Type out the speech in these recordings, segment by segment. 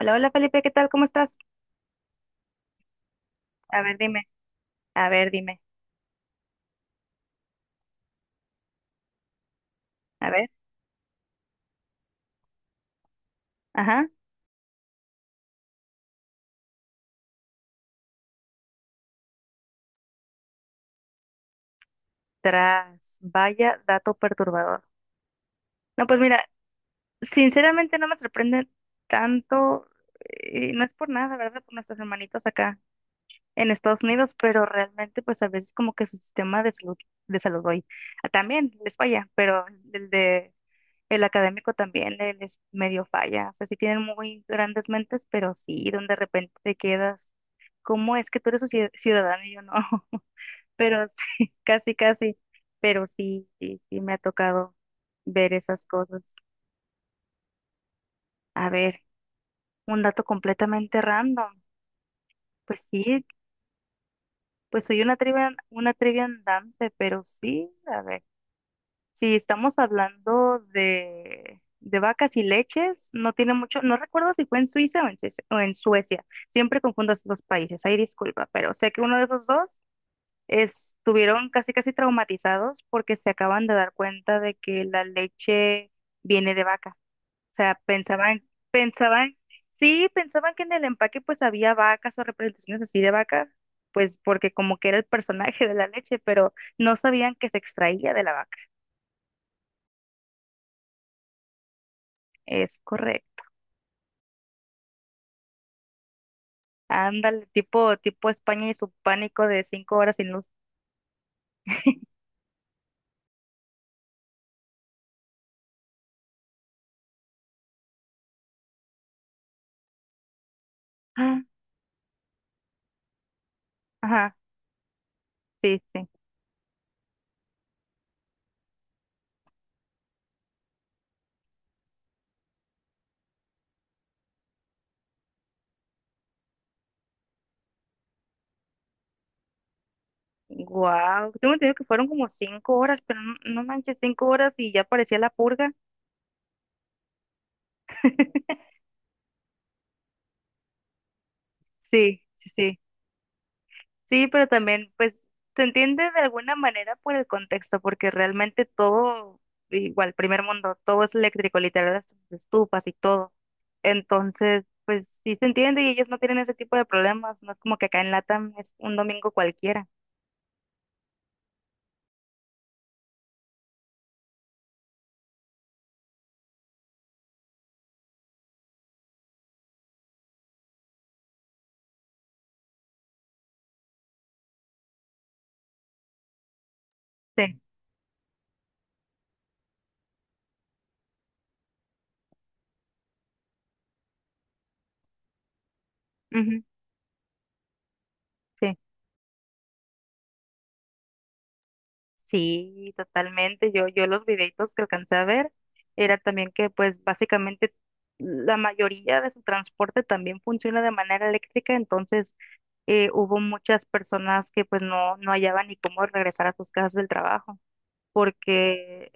Hola, hola Felipe, ¿qué tal? ¿Cómo estás? A ver, dime, a ver, dime, a ver. Ajá, tras, vaya dato perturbador. No, pues mira, sinceramente no me sorprende tanto, y no es por nada, ¿verdad? Por nuestros hermanitos acá en Estados Unidos, pero realmente pues a veces como que su sistema de salud, hoy también les falla, pero el de el académico también les medio falla. O sea, sí tienen muy grandes mentes, pero sí, donde de repente te quedas, ¿cómo es que tú eres su ciudadano y yo no? Pero sí, casi, casi, pero sí, sí, sí me ha tocado ver esas cosas. A ver, un dato completamente random. Pues sí, pues soy una trivia andante, pero sí, a ver, si estamos hablando de vacas y leches, no tiene mucho, no recuerdo si fue en Suiza o en Suecia, siempre confundo esos dos países, ahí disculpa, pero sé que uno de esos dos estuvieron casi casi traumatizados porque se acaban de dar cuenta de que la leche viene de vaca. O sea, pensaban, pensaban, sí, pensaban que en el empaque pues había vacas o representaciones así de vaca, pues porque como que era el personaje de la leche, pero no sabían que se extraía de la vaca. Es correcto. Ándale, tipo España y su pánico de 5 horas sin luz. Ah, ajá, sí, sí. Wow, tengo entendido que fueron como 5 horas, pero no, no manches, 5 horas y ya parecía la purga. Sí, sí, sí, sí, pero también, pues, se entiende de alguna manera por el contexto, porque realmente todo, igual, primer mundo, todo es eléctrico, literal, las estufas y todo. Entonces, pues, sí se entiende y ellos no tienen ese tipo de problemas, no es como que acá en Latam es un domingo cualquiera. Sí, ujú, sí. Sí, totalmente. Yo los videitos que alcancé a ver era también que pues básicamente la mayoría de su transporte también funciona de manera eléctrica, entonces hubo muchas personas que pues no, no hallaban ni cómo regresar a sus casas del trabajo, porque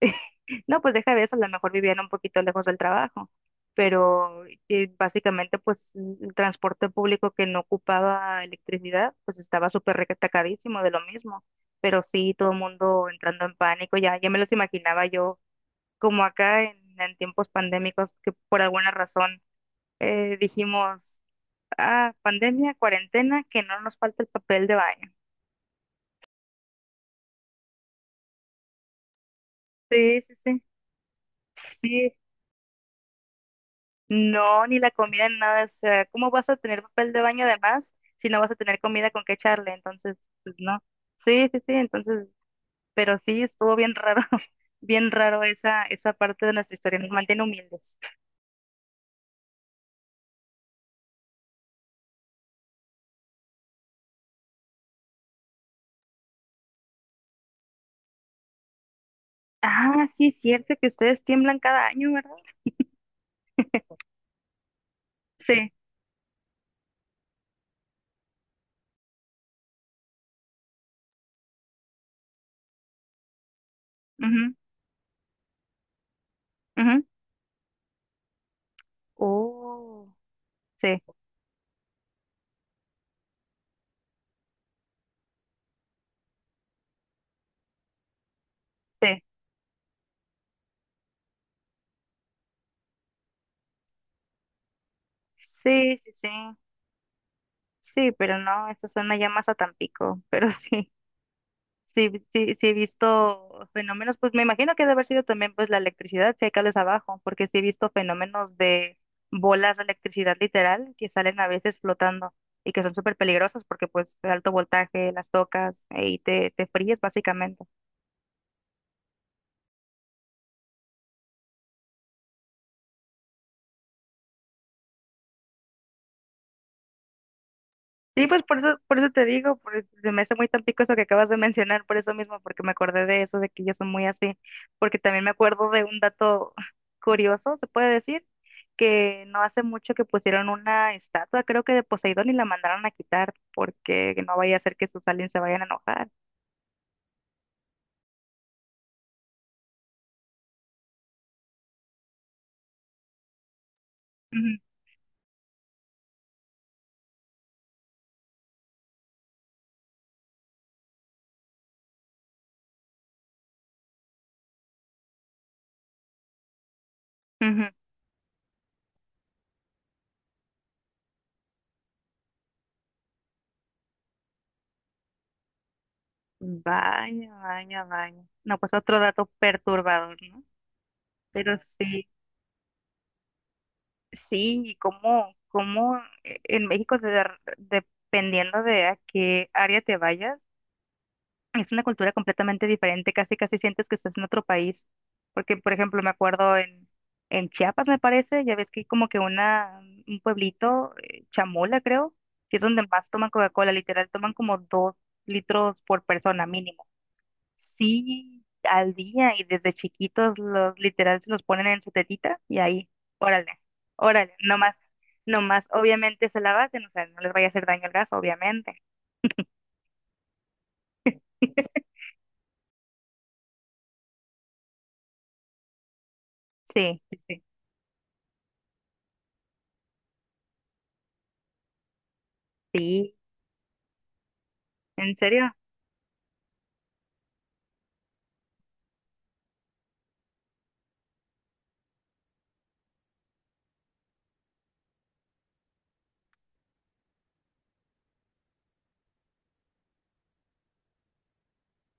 no, pues deja de eso, a lo mejor vivían un poquito lejos del trabajo, pero básicamente pues el transporte público que no ocupaba electricidad, pues estaba súper recatacadísimo de lo mismo, pero sí todo el mundo entrando en pánico, ya, ya me los imaginaba yo como acá en tiempos pandémicos que por alguna razón dijimos, ah, pandemia, cuarentena, que no nos falta el papel de baño. Sí, sí, sí. Sí, no, ni la comida, ni nada. O sea, ¿cómo vas a tener papel de baño además si no vas a tener comida con qué echarle? Entonces, pues no. Sí, sí, sí, entonces, pero sí, estuvo bien raro, bien raro esa parte de nuestra historia. Nos mantiene humildes. Ah, sí, es cierto que ustedes tiemblan cada año, ¿verdad? Sí. Mhm, mhm. Oh, sí, sí, sí, sí, sí. Sí, pero no, esto suena ya más a Tampico, pero sí. Sí, sí, sí he visto fenómenos, pues me imagino que debe haber sido también pues la electricidad, si hay cables abajo, porque sí he visto fenómenos de bolas de electricidad literal que salen a veces flotando y que son súper peligrosas porque pues de alto voltaje las tocas y te fríes básicamente. Sí, pues por eso te digo, se me hace muy tan pico eso que acabas de mencionar, por eso mismo, porque me acordé de eso, de que ellos son muy así, porque también me acuerdo de un dato curioso, se puede decir, que no hace mucho que pusieron una estatua, creo que de Poseidón, y la mandaron a quitar, porque no vaya a ser que sus aliens se vayan a enojar. Ujú, ujú. Vaya, vaya, vaya. No, pues otro dato perturbador, ¿no? Pero sí. Sí, y cómo en México, dependiendo de a qué área te vayas, es una cultura completamente diferente, casi casi sientes que estás en otro país. Porque, por ejemplo, me acuerdo en Chiapas, me parece, ya ves que hay como que una, un pueblito, Chamola, creo, que es donde más toman Coca-Cola, literal, toman como 2 litros por persona mínimo. Sí, al día y desde chiquitos los literal se los ponen en su tetita y ahí, órale, órale, no más, no más, obviamente se la baten, o sea, no les vaya a hacer daño el gas, obviamente. Sí, sí, sí, sí, ¿en serio?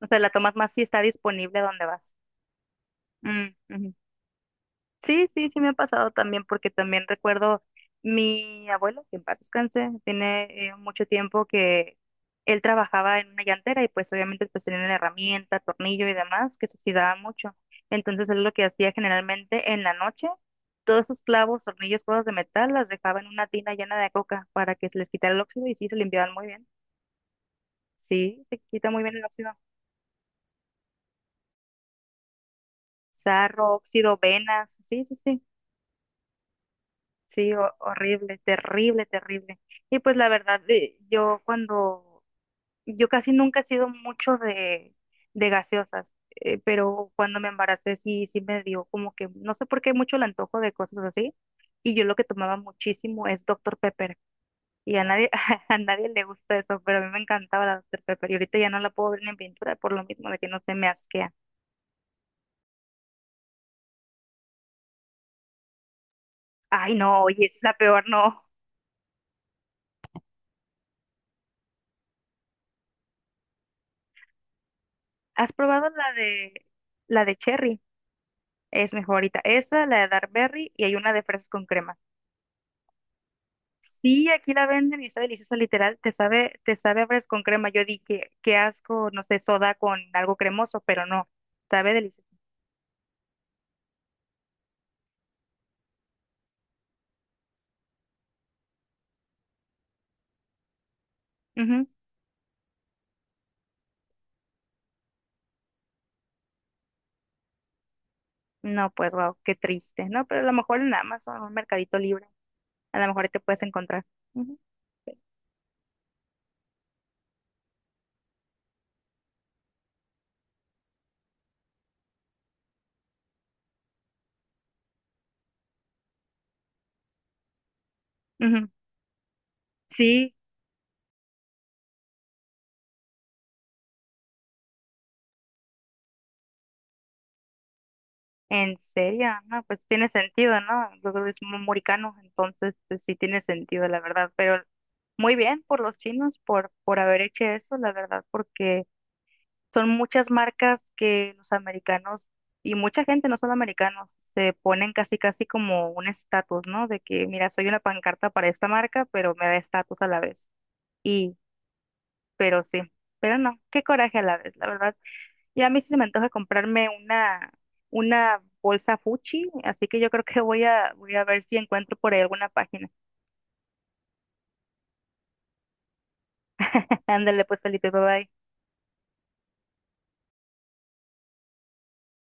O sea, la tomas más si está disponible donde vas. Mm, ujú. Sí, sí, sí me ha pasado también, porque también recuerdo mi abuelo, que en paz descanse, tiene mucho tiempo que él trabajaba en una llantera y pues obviamente pues tenía una herramienta, tornillo y demás que se oxidaba mucho. Entonces él lo que hacía generalmente en la noche, todos esos clavos, tornillos, cosas de metal, las dejaba en una tina llena de coca para que se les quitara el óxido y sí, se limpiaban muy bien. Sí, se quita muy bien el óxido. Sarro, óxido, venas, sí, sí, sí. Sí, horrible, terrible, terrible. Y pues la verdad, yo casi nunca he sido mucho de gaseosas, pero cuando me embaracé sí, sí me dio como que, no sé por qué mucho el antojo de cosas así. Y yo lo que tomaba muchísimo es Doctor Pepper. Y a nadie, a nadie le gusta eso, pero a mí me encantaba la Doctor Pepper. Y ahorita ya no la puedo ver ni en pintura por lo mismo de que no se me asquea. Ay, no, oye, es la peor, no. ¿Has probado la de Cherry? Es mi favorita. Esa, la de Dark Berry y hay una de fresas con crema. Sí, aquí la venden y está deliciosa, literal. Te sabe a fresas con crema. Yo di que qué asco, no sé, soda con algo cremoso, pero no, sabe delicioso. Ujú. No, pues wow, qué triste, ¿no? Pero a lo mejor en Amazon, un mercadito libre, a lo mejor ahí te puedes encontrar. Ujú. Sí. Ujú. Sí, ¿en serio? No, pues tiene sentido, ¿no? Yo creo que es muricano, entonces pues, sí tiene sentido, la verdad. Pero muy bien por los chinos por haber hecho eso, la verdad, porque son muchas marcas que los americanos y mucha gente, no solo americanos, se ponen casi casi como un estatus, ¿no? De que, mira, soy una pancarta para esta marca, pero me da estatus a la vez. Y, pero sí, pero no, qué coraje a la vez, la verdad. Ya a mí sí se me antoja comprarme una bolsa Fuchi, así que yo creo que voy a ver si encuentro por ahí alguna página. Ándale pues, Felipe, bye bye.